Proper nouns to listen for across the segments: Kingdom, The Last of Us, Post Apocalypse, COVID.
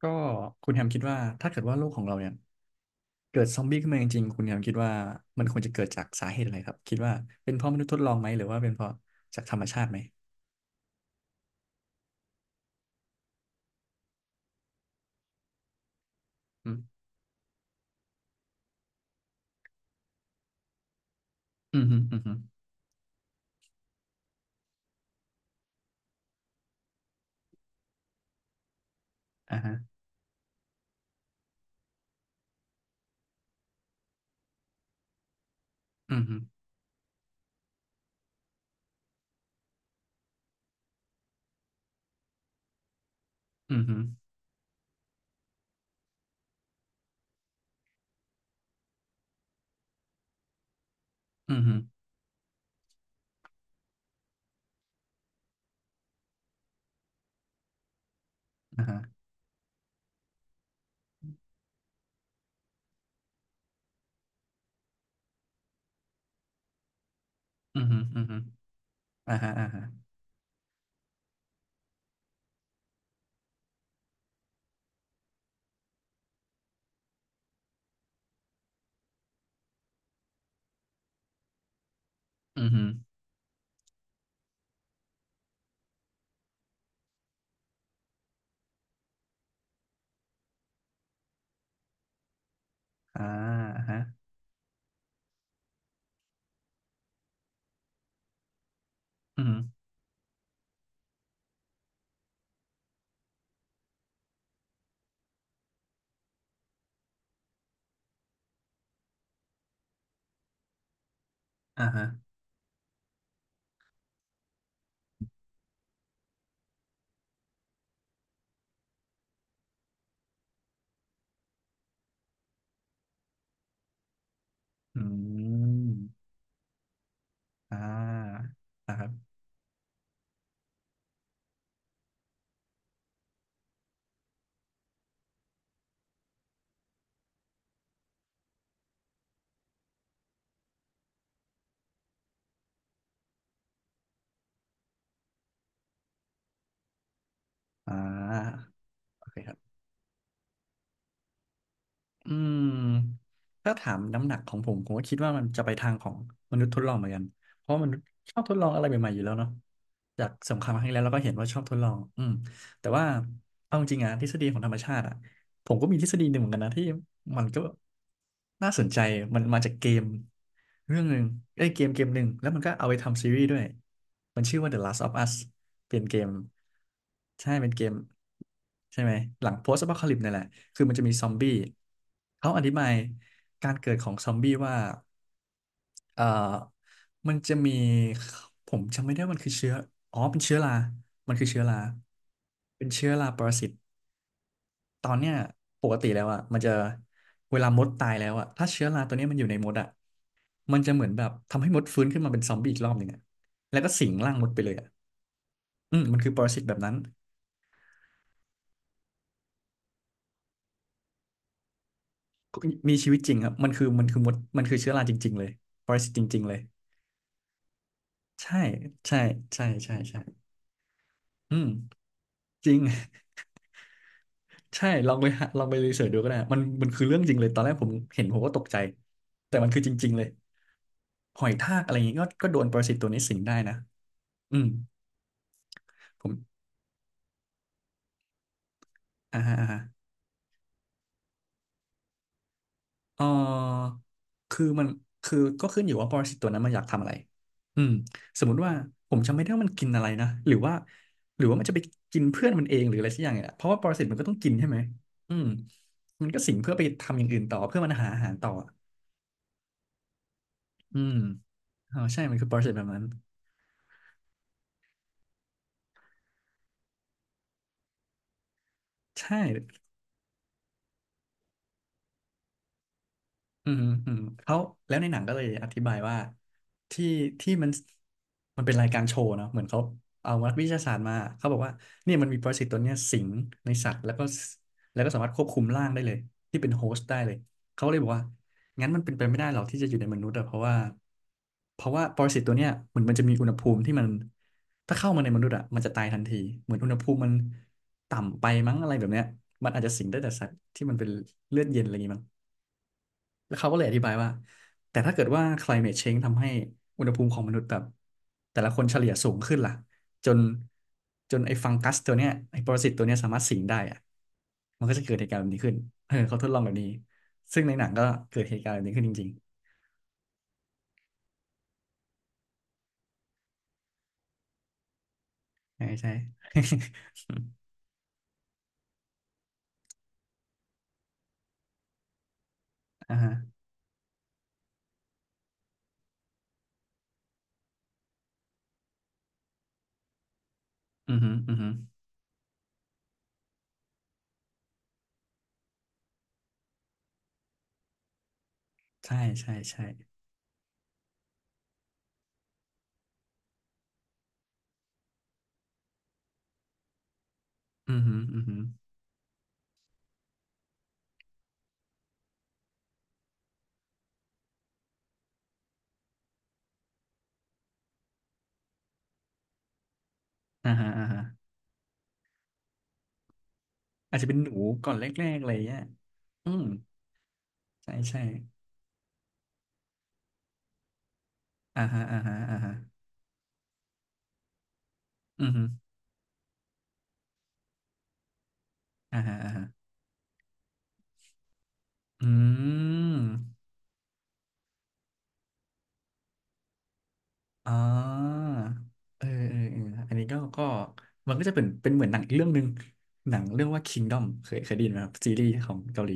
ก็คุณแฮมคิดว่าถ้าเกิดว่าโลกของเราเนี่ยเกิดซอมบี้ขึ้นมาจริงๆคุณแฮมคิดว่ามันควรจะเกิดจากสาเหตุอะไรครับคิดว่าเป็นเพราะมนุษย์ทดลองไหมหรือว่าเป็นเพราะจากธรรมชาติไหมอืมอืมฮึอืมฮึอ่าฮะอืมฮึอืมฮึอืมฮึอ่าฮะอืมฮึอืมฮึอ่าฮะอ่าฮะอืมฮึอ่าฮะอืมฮึอ่าฮะอืมอ่าอ่าครับอ่าโอเคครับ อืมถ้าถามน้ำหนักของผมผมก็คิดว่ามันจะไปทางของมนุษย์ทดลองเหมือนกันเพราะมนุษย์ชอบทดลองอะไรใหม่ๆอยู่แล้วเนาะจากสงครามครั้งที่แล้วเราก็เห็นว่าชอบทดลองอืมแต่ว่าเอาจริงๆอะทฤษฎีของธรรมชาติอะ ผมก็มีทฤษฎีหนึ่งเหมือนกันนะที่มันก็น่าสนใจมันมาจากเกมเรื่องหนึ่งเอ้ยเกมหนึ่งแล้วมันก็เอาไปทำซีรีส์ด้วยมันชื่อว่า The Last of Us เป็นเกมใช่เป็นเกมใช่ไหมหลัง Post Apocalypse นั่นแหละคือมันจะมีซอมบี้เขาอธิบายการเกิดของซอมบี้ว่าเอ่อมันจะมีผมจำไม่ได้มันคือเชื้ออ๋อเป็นเชื้อรามันคือเชื้อราเป็นเชื้อราปรสิต ตอนเนี้ยปกติแล้วอ่ะมันจะเวลามดตายแล้วอ่ะถ้าเชื้อราตัวเนี้ยมันอยู่ในมดอ่ะมันจะเหมือนแบบทำให้มดฟื้นขึ้นมาเป็นซอมบี้อีกรอบหนึ่งอ่ะแล้วก็สิงร่างมดไปเลยอ่ะอืมมันคือปรสิตแบบนั้นมีชีวิตจริงครับมันคือมดมันคือเชื้อราจริงๆเลยปรสิตจริงๆเลยใช่ใช่ใช่ใช่ใช่อืมจริง ใช่ลองไปหาลองไปรีเสิร์ชดูก็ได้มันคือเรื่องจริงเลยตอนแรกผมเห็นผมก็ตกใจแต่มันคือจริงๆเลยหอยทากอะไรอย่างงี้ก็โดนปรสิตตัวนี้สิงได้นะอืมผม อ่าฮะอ่าฮะเออคือมันคือก็ขึ้นอยู่ว่าปรสิตตัวนั้นมันอยากทำอะไรอืมสมมุติว่าผมจำไม่ได้ว่ามันกินอะไรนะหรือว่าหรือว่ามันจะไปกินเพื่อนมันเองหรืออะไรสักอย่างเนี่ยเพราะว่าปรสิตมันก็ต้องกินใช่ไหมอืมมันก็สิงเพื่อไปทำอย่างอื่นต่อเพื่อมันหาอาหารต่ออืมอ๋อใช่มันคือปรสิตแบบนั้นใช่ อืมอืมเขาแล้วในหนังก็เลยอธิบายว่าที่ที่มันเป็นรายการโชว์เนาะเหมือนเขาเอานักวิทยาศาสตร์มาเขาบอกว่าเนี่ยมันมีปรสิตตัวเนี้ยสิงในสัตว์แล้วก็แล้วก็สามารถควบคุมร่างได้เลยที่เป็นโฮสต์ได้เลยเขาเลยบอกว่างั้นมันเป็นไปไม่ได้หรอกที่จะอยู่ในมนุษย์อะเพราะว่าปรสิตตัวเนี้ยเหมือนมันจะมีอุณหภูมิที่มันถ้าเข้ามาในมนุษย์อะมันจะตายทันทีเหมือนอุณหภูมิมันต่ำไปมั้งอะไรแบบเนี้ยมันอาจจะสิงได้แต่สัตว์ที่มันเป็นเลือดเย็นอะไรอย่างงี้มั้ง แล้วเขาก็เลยอธิบายว่าแต่ถ้าเกิดว่า climate change ทำให้อุณหภูมิของมนุษย์แบบแต่ละคนเฉลี่ยสูงขึ้นล่ะจนจนไอ้ฟังกัสตัวเนี้ยไอ้ปรสิตตัวเนี้ยสามารถสิงได้อะมันก็จะเกิดเหตุการณ์แบบนี้ขึ้นเออเขาทดลองแบบนี้ซึ่งในหนังก็เกิดเหตุการณ์แบบนี้ขึ้นจริงๆใช่ใช่ อ่าฮะอือฮึอือฮึใช่ใช่ใช่อือฮึอือฮึอ่าฮะอ่าฮะอาจจะเป็นหนูก่อนแรกๆอะไรเงี้ยอืมใช่ใช่อ่าฮะอ่าฮะอ่าฮะอือฮึอ่าฮะอ่าฮะ อืมอ่าเออเออเอออันนี้ก็ มันก็จะเป็น เป็นเหมือนหนังอีกเรื่องหนึ่ง หนังเรื่องว่า Kingdom เคยได้ยินไหมครับซีรีส์ของเกาหลี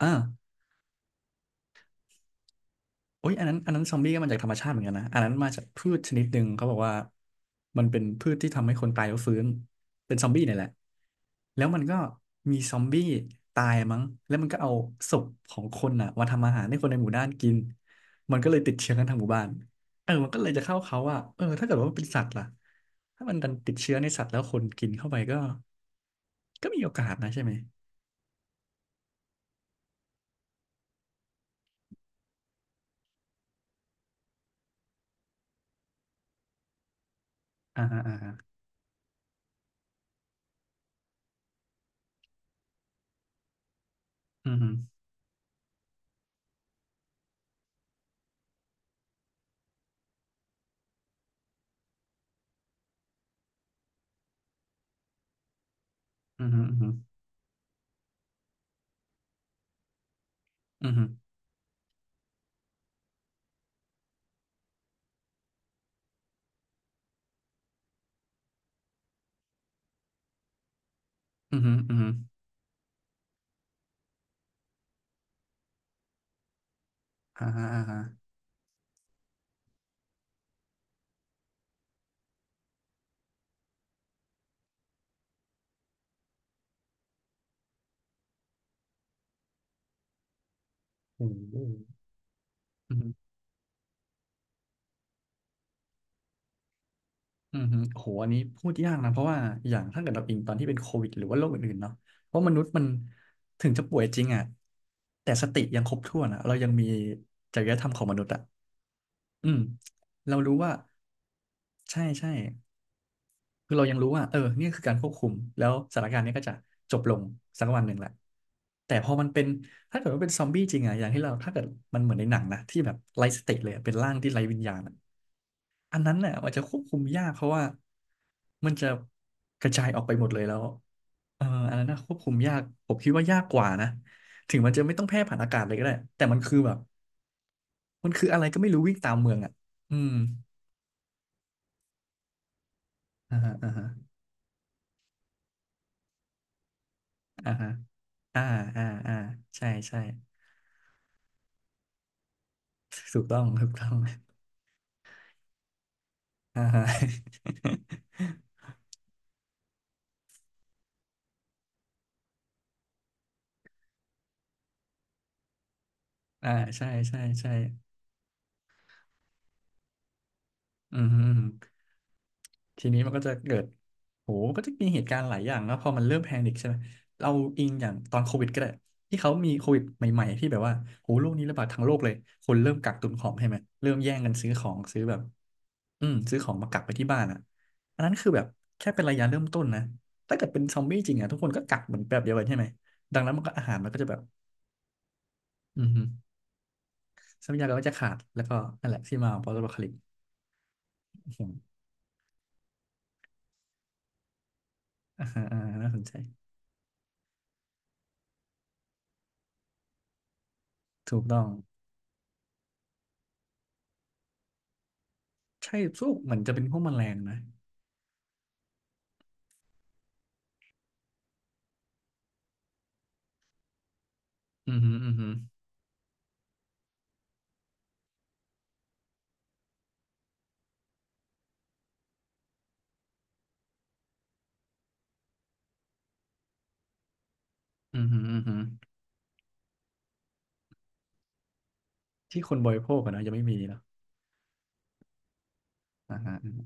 อ่า โอ้ยอันนั้นซอมบี้ก็มาจากธรรมชาติเหมือนกันนะอันนั้นมาจากพืชชนิดหนึ่งเขาบอกว่ามันเป็นพืชที่ทำให้คนตายแล้วฟื้นเป็นซอมบี้เนี่ยแหละแล้วมันก็มีซอมบี้ตายมั้งแล้วมันก็เอาศพของคนอ่ะมาทำอาหารให้คนในหมู่บ้านกินมันก็เลยติดเชื้อกันทั้งหมู่บ้านเออมันก็เลยจะเข้าเขาว่าเออถ้าเกิดว่ามันเป็นสัตว์ล่ะถ้ามันดันติดเชื้อในสัตว์แล้วคนกินเข้าไปก็มีโอกาสนะใช่ไหมอ่าฮะอ่าฮะอืมฮึอืมฮอืมฮอืมฮอืมฮอืมอ่าฮะอ่าฮะ อืมอืมอืโอ้โหอันนี้พูดยากนะ เพราะว่าอย่างถ้าเกิดเราอิงตอนที่เป็นโควิดหรือว่าโรคอื่นๆเนาะเพราะมนุษย์มันถึงจะป่วยจริงอ่ะแต่สติยังครบถ้วนอ่ะเรายังมีจริยธรรมของมนุษย์อ่ะอืม เรารู้ว่าใช่ใช่คือเรายังรู้ว่าเออเนี่ยคือการควบคุม แล้วสถานการณ์เนี้ก็จะจบลงสักวันหนึ่งแหละแต่พอมันเป็นถ้าเกิดว่าเป็นซอมบี้จริงอ่ะอย่างที่เราถ้าเกิดมันเหมือนในหนังนะที่แบบไร้สติเลยอะเป็นร่างที่ไร้วิญญาณอะ อันนั้นน่ะมันจะควบคุมยากเพราะว่ามันจะกระจายออกไปหมดเลยแล้วเอออันนั้นน่ะควบคุมยากผมคิดว่ายากกว่านะถึงมันจะไม่ต้องแพร่ผ่านอากาศเลยก็ได้แต่มันคืออะไรก็ไม่รู้วิ่งตามเมืองอ่ะอืมอ่าฮะอ่าฮะอ่าฮะอ่าอ่าอ่าใช่ใช่ถูกต้องถูกต้องอ่าฮะ อ่าใช่ใช่ใช่ อืมทีนี้มันก็จะเกิดโหก็จะมีเหตุการณ์หลายอย่างแล้วพอมันเริ่มแพนิคใช่ไหมเราอิงอย่างตอนโควิดก็ได้ที่เขามีโควิดใหม่ๆที่แบบว่าโหโรคนี้ระบาดทั้งโลกเลยคนเริ่มกักตุนของใช่ไหมเริ่มแย่งกันซื้อของซื้อแบบอืมซื้อของมากักไปที่บ้านอ่ะอันนั้นคือแบบแค่เป็นระยะเริ่มต้นนะถ้าเกิดเป็นซอมบี้จริงอ่ะทุกคนก็กักเหมือนแบบเดียวกันใช่ไหมดังนั้นมันก็อาหารมันก็จะแบบอือฮึทรัพยากรก็จะขาดแล้วก็นั่นแหละที่มาของ post apocalypse อืมอ่าฮะอ่าฮะน่าสนใจถูกต้อง ใช่พวกเหมือนจะเป็นพวกแมลงนะอือหึอือหึอือหึอือหึที่คนบริโภคอะนะยังไม่มีเนอะอ่าฮะอือฮึ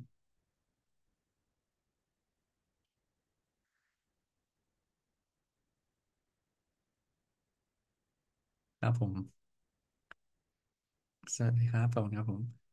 ครับผมสวัสดีครับขอบคุณครับผม